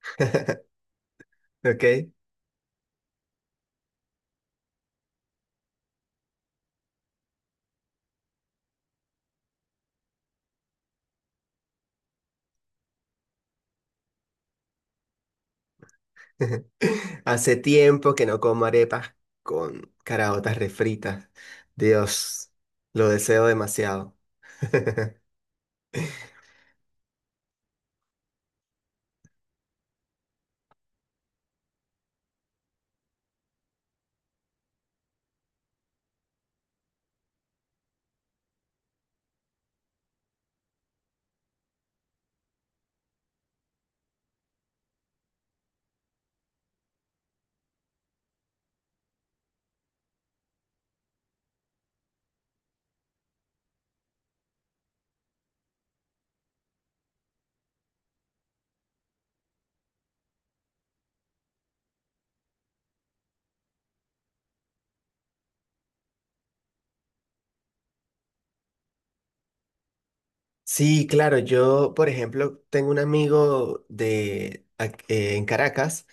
Ok. Hace tiempo que no como arepas con caraotas refritas. Dios, lo deseo demasiado. Sí, claro, yo, por ejemplo, tengo un amigo en Caracas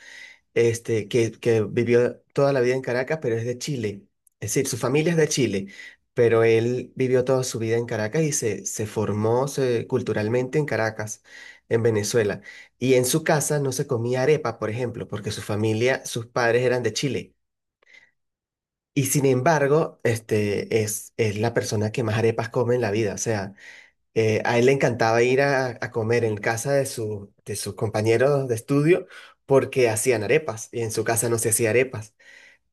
este, que vivió toda la vida en Caracas, pero es de Chile. Es decir, su familia es de Chile, pero él vivió toda su vida en Caracas y se formó culturalmente en Caracas, en Venezuela. Y en su casa no se comía arepa, por ejemplo, porque su familia, sus padres eran de Chile. Y sin embargo, este es la persona que más arepas come en la vida. O sea, a él le encantaba ir a comer en casa de sus compañeros de estudio porque hacían arepas y en su casa no se hacía arepas.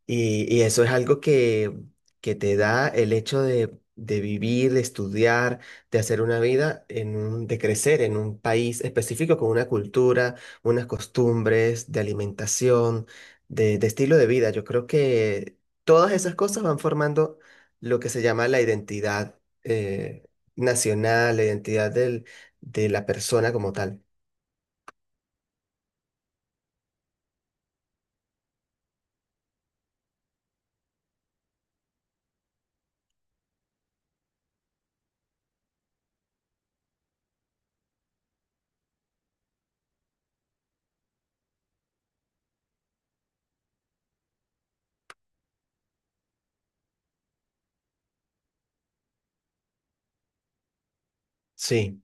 Y eso es algo que te da el hecho de vivir, de estudiar, de hacer una vida, de crecer en un país específico con una cultura, unas costumbres, de alimentación, de estilo de vida. Yo creo que todas esas cosas van formando lo que se llama la identidad nacional, la identidad de la persona como tal. Sí,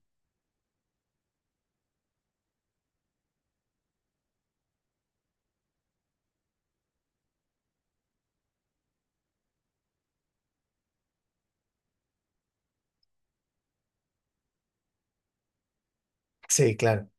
sí, claro.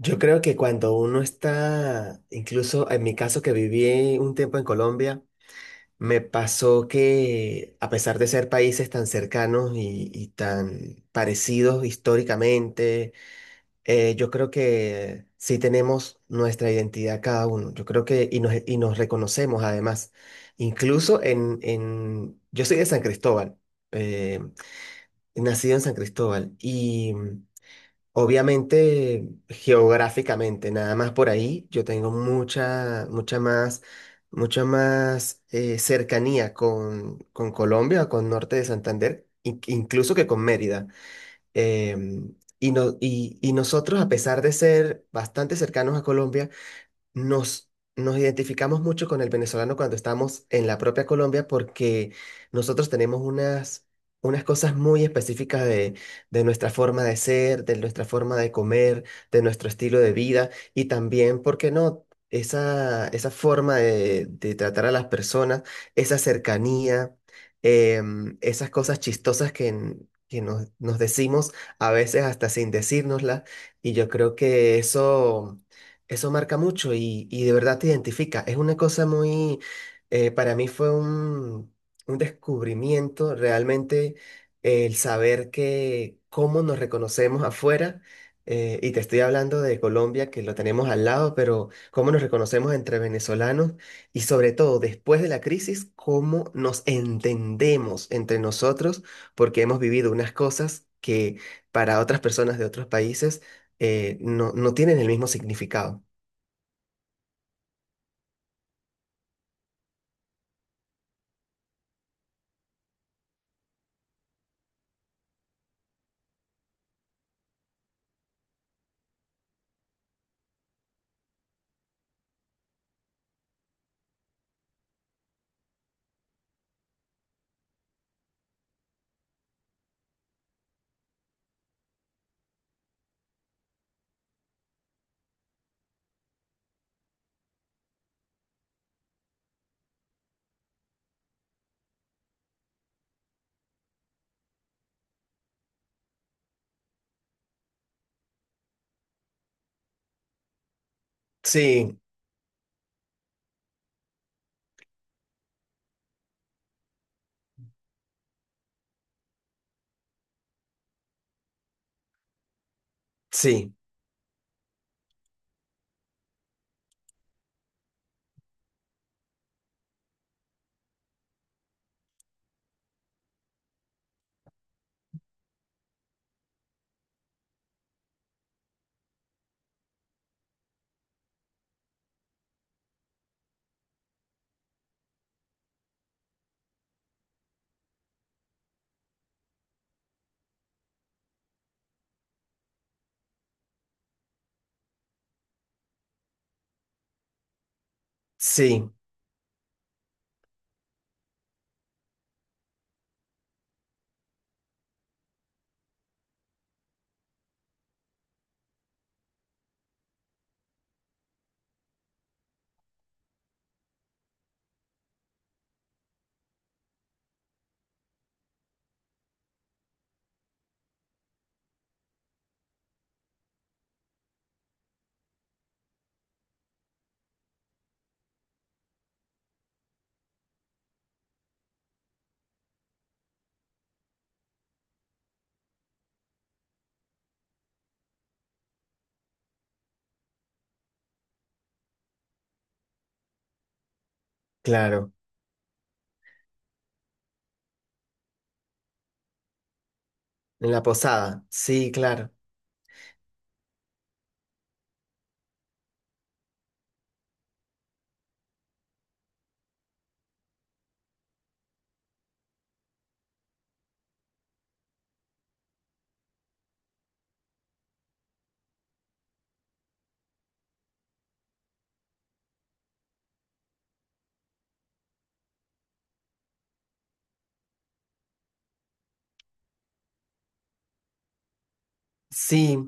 Yo creo que cuando uno está, incluso en mi caso que viví un tiempo en Colombia, me pasó que a pesar de ser países tan cercanos y tan parecidos históricamente, yo creo que sí tenemos nuestra identidad cada uno. Yo creo que y nos reconocemos además. Incluso yo soy de San Cristóbal, eh, nacido en San Cristóbal. Obviamente, geográficamente, nada más por ahí, yo tengo mucha más cercanía con Colombia, con Norte de Santander, incluso que con Mérida. Y nosotros, a pesar de ser bastante cercanos a Colombia, nos, nos identificamos mucho con el venezolano cuando estamos en la propia Colombia porque nosotros tenemos unas cosas muy específicas de nuestra forma de ser, de nuestra forma de comer, de nuestro estilo de vida y también, ¿por qué no? Esa forma de tratar a las personas, esa cercanía, esas cosas chistosas que nos decimos a veces hasta sin decírnoslas y yo creo que eso... Eso marca mucho y de verdad te identifica. Es una cosa muy, para mí fue un descubrimiento realmente el saber que cómo nos reconocemos afuera, y te estoy hablando de Colombia, que lo tenemos al lado, pero cómo nos reconocemos entre venezolanos y sobre todo después de la crisis, cómo nos entendemos entre nosotros, porque hemos vivido unas cosas que para otras personas de otros países no tienen el mismo significado. Sí, sí, sí, claro. En la posada, sí, claro. Sí,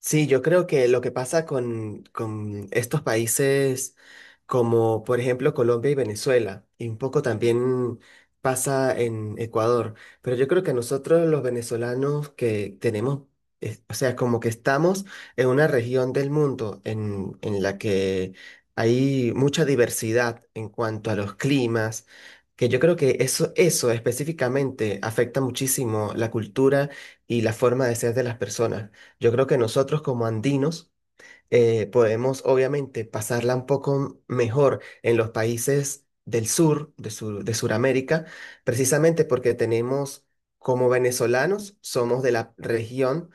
sí, yo creo que lo que pasa con estos países como por ejemplo Colombia y Venezuela, y un poco también pasa en Ecuador, pero yo creo que nosotros los venezolanos que tenemos, o sea, como que estamos en una región del mundo en la que hay mucha diversidad en cuanto a los climas, que yo creo que eso específicamente afecta muchísimo la cultura y la forma de ser de las personas. Yo creo que nosotros como andinos podemos obviamente pasarla un poco mejor en los países del sur, de Sudamérica, precisamente porque tenemos, como venezolanos, somos de la región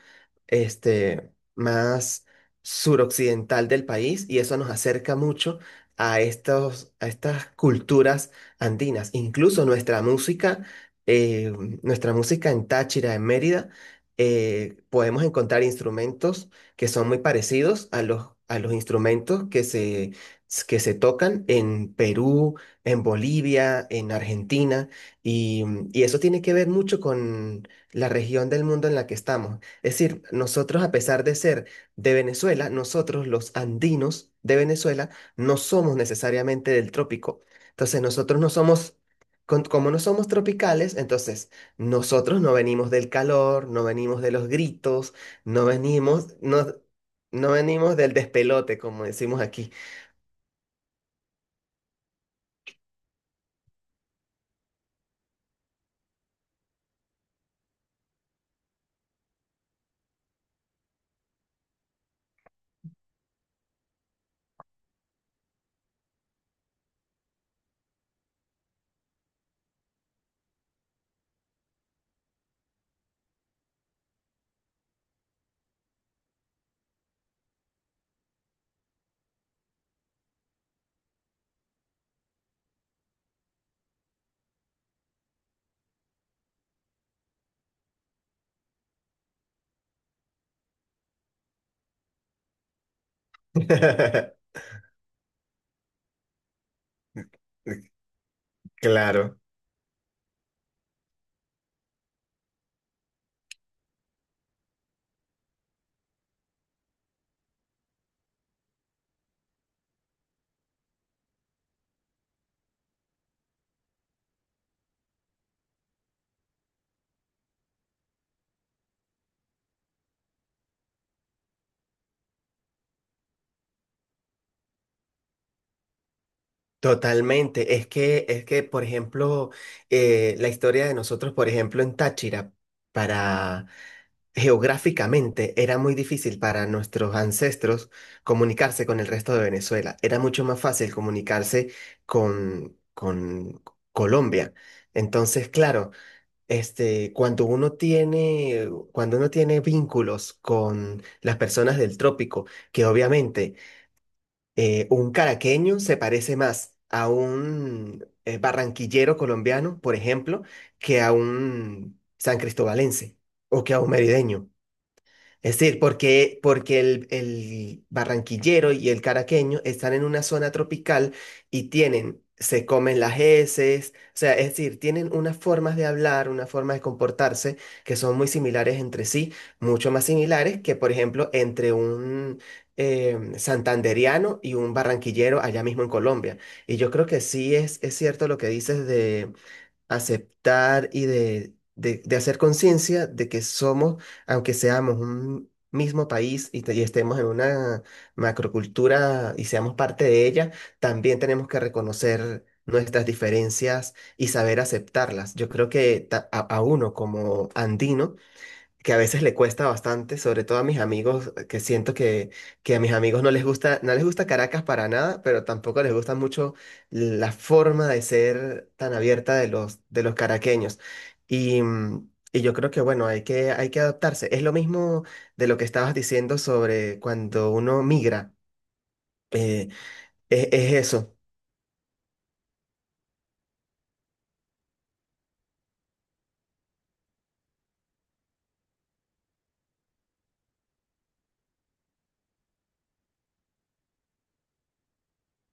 este, más suroccidental del país y eso nos acerca mucho a estas culturas andinas. Incluso eh, nuestra música en Táchira, en Mérida, podemos encontrar instrumentos que son muy parecidos a los instrumentos que se tocan en Perú, en Bolivia, en Argentina, y, y eso tiene que ver mucho con la región del mundo en la que estamos. Es decir, nosotros, a pesar de ser de Venezuela, nosotros los andinos de Venezuela no somos necesariamente del trópico. Entonces, nosotros no somos... Como no somos tropicales, entonces nosotros no venimos del calor, no venimos de los gritos, no venimos, no, no venimos del despelote, como decimos aquí. Claro, totalmente. Es que, por ejemplo, la historia de nosotros, por ejemplo, en Táchira, para geográficamente era muy difícil para nuestros ancestros comunicarse con el resto de Venezuela. Era mucho más fácil comunicarse con Colombia. Entonces, claro. Este, cuando uno tiene vínculos con las personas del trópico, que obviamente un caraqueño se parece más a un barranquillero colombiano, por ejemplo, que a un san cristobalense o que a un merideño. Es decir, porque el barranquillero y el caraqueño están en una zona tropical y tienen, se comen las heces, o sea, es decir, tienen unas formas de hablar, una forma de comportarse que son muy similares entre sí, mucho más similares que, por ejemplo, entre un santanderiano y un barranquillero allá mismo en Colombia. Y yo creo que sí es cierto lo que dices aceptar y de hacer conciencia de que somos, aunque seamos un mismo país y estemos en una macrocultura y seamos parte de ella, también tenemos que reconocer nuestras diferencias y saber aceptarlas. Yo creo que a uno como andino, que a veces le cuesta bastante, sobre todo a mis amigos, que siento que a mis amigos no les gusta, no les gusta Caracas para nada, pero tampoco les gusta mucho la forma de ser tan abierta de los caraqueños. Y yo creo que, bueno, hay que adaptarse. Es lo mismo de lo que estabas diciendo sobre cuando uno migra. eh, es eso.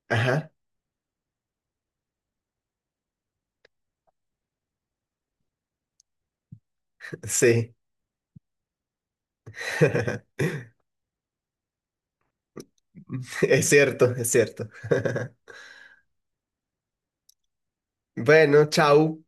Ajá, sí. Es cierto, es cierto. Bueno, chau.